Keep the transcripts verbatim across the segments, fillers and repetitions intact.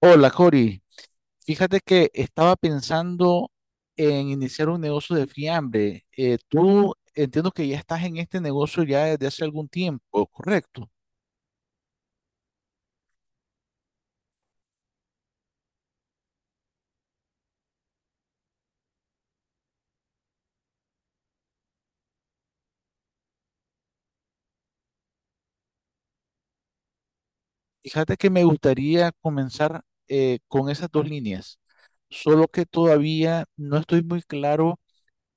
Hola, Cori. Fíjate que estaba pensando en iniciar un negocio de fiambre. Eh, tú entiendo que ya estás en este negocio ya desde hace algún tiempo, ¿correcto? Fíjate que me gustaría comenzar eh, con esas dos líneas, solo que todavía no estoy muy claro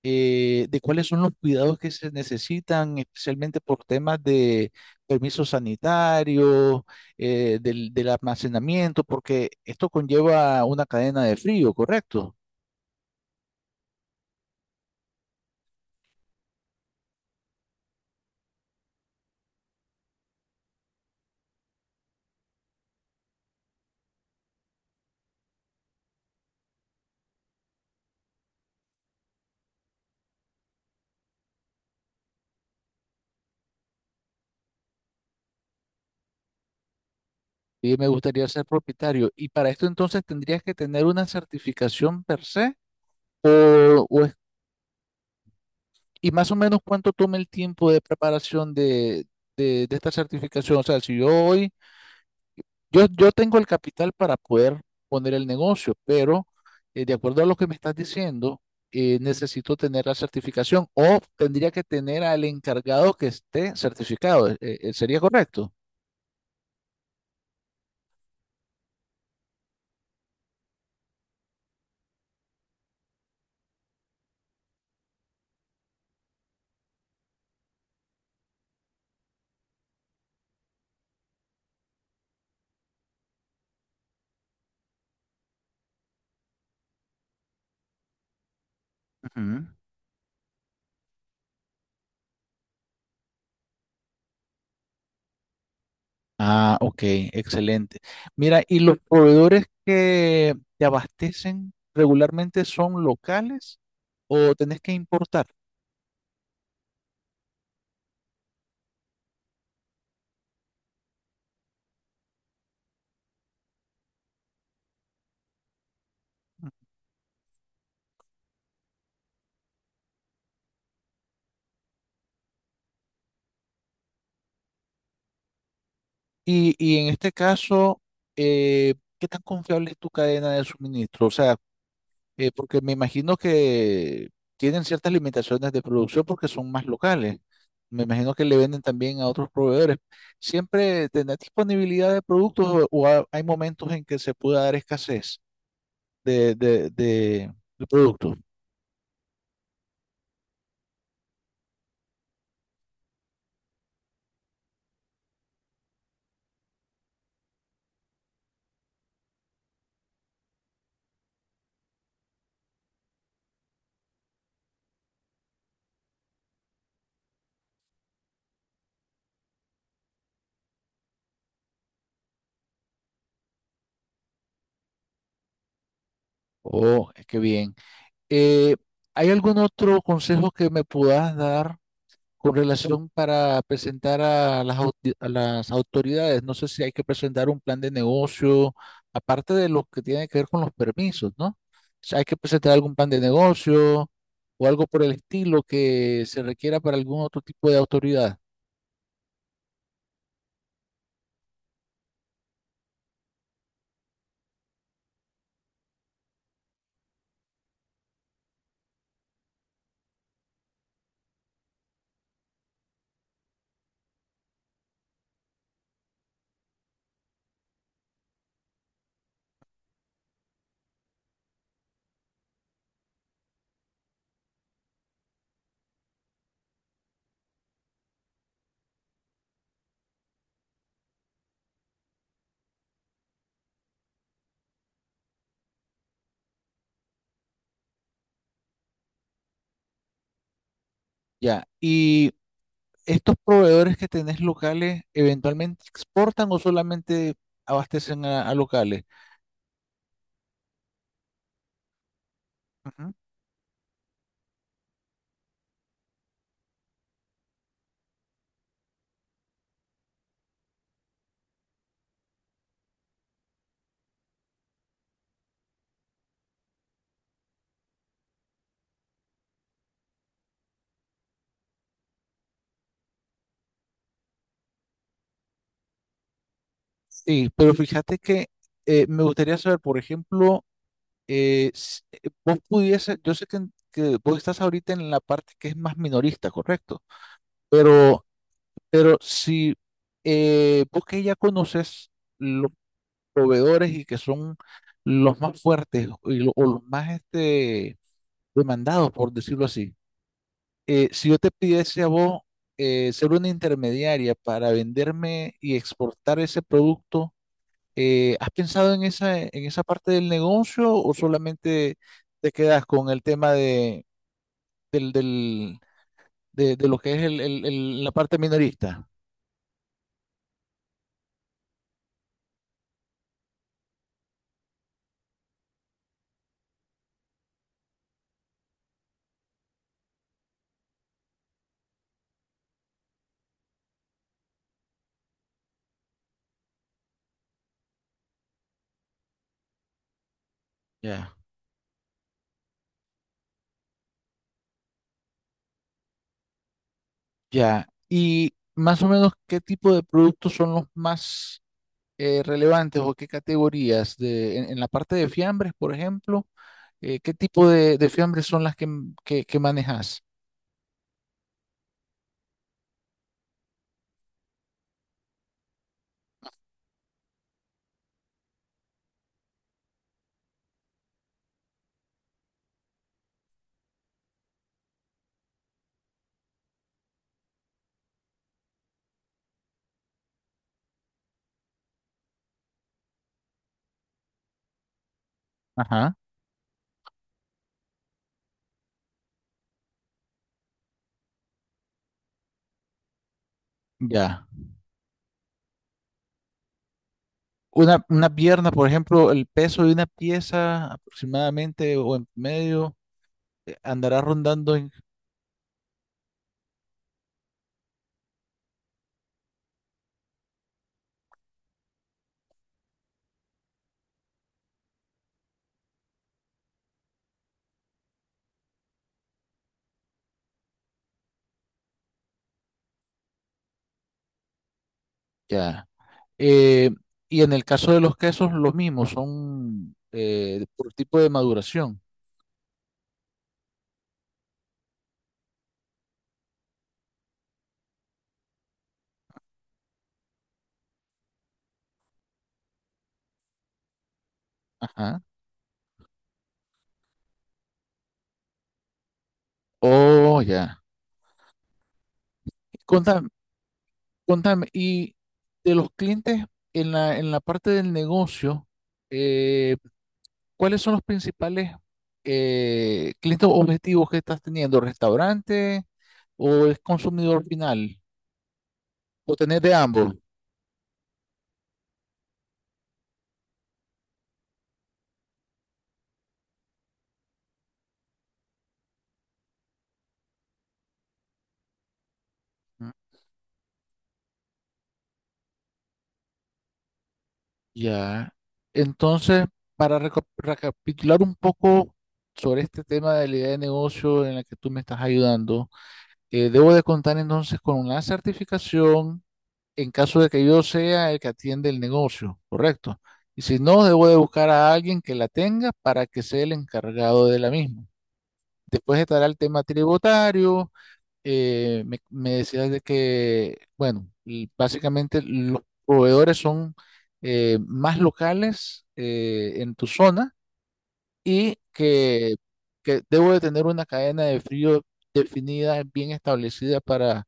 eh, de cuáles son los cuidados que se necesitan, especialmente por temas de permisos sanitarios, eh, del, del almacenamiento, porque esto conlleva una cadena de frío, ¿correcto? Y me gustaría ser propietario. Y para esto entonces tendrías que tener una certificación per se, o, o es- y más o menos cuánto toma el tiempo de preparación de, de de esta certificación. O sea, si yo hoy Yo, yo tengo el capital para poder poner el negocio, pero eh, de acuerdo a lo que me estás diciendo, eh, necesito tener la certificación o tendría que tener al encargado que esté certificado. Eh, eh, eh, ¿sería correcto? Ujú. Ah, ok, excelente. Mira, ¿y los proveedores que te abastecen regularmente son locales o tenés que importar? Y, y en este caso, eh, ¿qué tan confiable es tu cadena de suministro? O sea, Eh, porque me imagino que tienen ciertas limitaciones de producción porque son más locales. Me imagino que le venden también a otros proveedores. ¿Siempre tendrá disponibilidad de productos o, o ha- hay momentos en que se pueda dar escasez de, de, de- de productos? Oh, qué bien. Eh, ¿hay algún otro consejo que me puedas dar con relación para presentar a las, au- a las autoridades? No sé si hay que presentar un plan de negocio, aparte de lo que tiene que ver con los permisos, ¿no? O sea, ¿hay que presentar algún plan de negocio o algo por el estilo que se requiera para algún otro tipo de autoridad? Ya, y estos proveedores que tenés locales, ¿eventualmente exportan o solamente abastecen a, a locales? Ujú. Sí, pero fíjate que eh, me gustaría saber, por ejemplo, eh, s- eh, vos pudiese, yo sé que, en- que vos estás ahorita en la parte que es más minorista, correcto, pero, pero si eh, vos que ya conoces los proveedores y que son los más fuertes y lo- o los más este, demandados, por decirlo así, eh, si yo te pidiese a vos eh, ser una intermediaria para venderme y exportar ese producto, eh, ¿has pensado en esa, en esa parte del negocio o solamente te quedas con el tema de, del, del- de, de lo que es el- el- el- la parte minorista? Ya. Ya. ¿Y más o menos qué tipo de productos son los más eh, relevantes o qué categorías? De, en, en la parte de fiambres, por ejemplo, eh, ¿qué tipo de, de fiambres son las que, que, que manejas? Ajá. Ya. Una, una pierna, por ejemplo, el peso de una pieza aproximadamente o en medio eh, andará rondando en... Ya. Eh, y en el caso de los quesos, los mismos, son eh, por tipo de maduración. Ajá. Oh, ya. Contame, contame, y de los clientes en la, en la parte del negocio, eh, ¿cuáles son los principales eh, clientes objetivos que estás teniendo? ¿Restaurante o es consumidor final? Lo tenés de ambos. Mm, ya. Entonces, para reco- recapitular un poco sobre este tema de la idea de negocio en la que tú me estás ayudando, eh, debo de contar entonces con una certificación en caso de que yo sea el que atiende el negocio, ¿correcto? Y si no, debo de buscar a alguien que la tenga para que sea el encargado de la misma. Después estará el tema tributario eh, me, me decías de que, bueno, l- básicamente los proveedores son eh, más locales eh, en tu zona y que, que debo de tener una cadena de frío definida, bien establecida para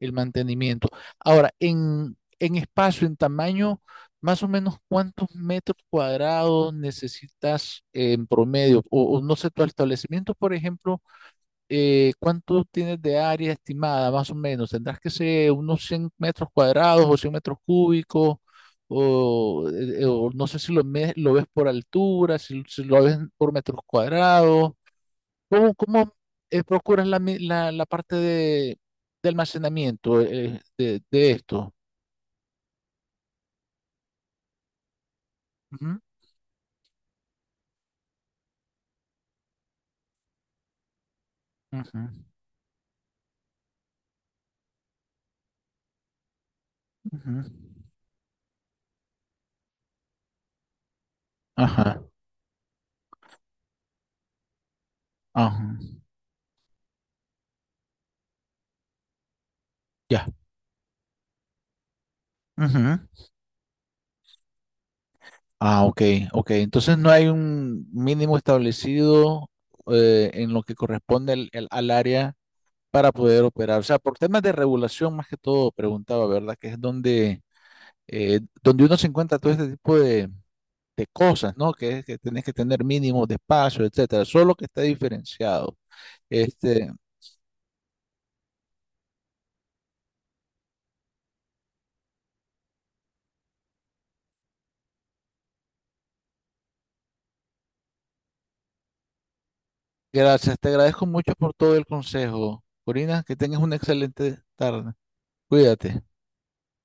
el mantenimiento. Ahora, en, en espacio, en tamaño, más o menos cuántos metros cuadrados necesitas en promedio, o, o no sé, tu establecimiento, por ejemplo eh, ¿cuánto tienes de área estimada, más o menos? ¿Tendrás que ser unos cien metros cuadrados o cien metros cúbicos? O, eh, eh, o no sé si lo, me- lo ves por altura, si, si lo ves por metros cuadrados. ¿Cómo, cómo eh, procuras la, mi- la, la parte de, de almacenamiento eh, de, de esto? Ujú, ujú, ujú. Ajá, ajá, ya. Ah, ok, ok. Entonces no hay un mínimo establecido eh, en lo que corresponde al, al- al área para poder operar. O sea, por temas de regulación más que todo, preguntaba, ¿verdad? Que es donde, eh, donde uno se encuentra todo este tipo de, de cosas, ¿no? Que es que tenés que tener mínimos de espacio, etcétera. Solo que está diferenciado. Este, gracias, te agradezco mucho por todo el consejo. Corina, que tengas una excelente tarde. Cuídate.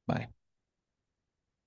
Bye.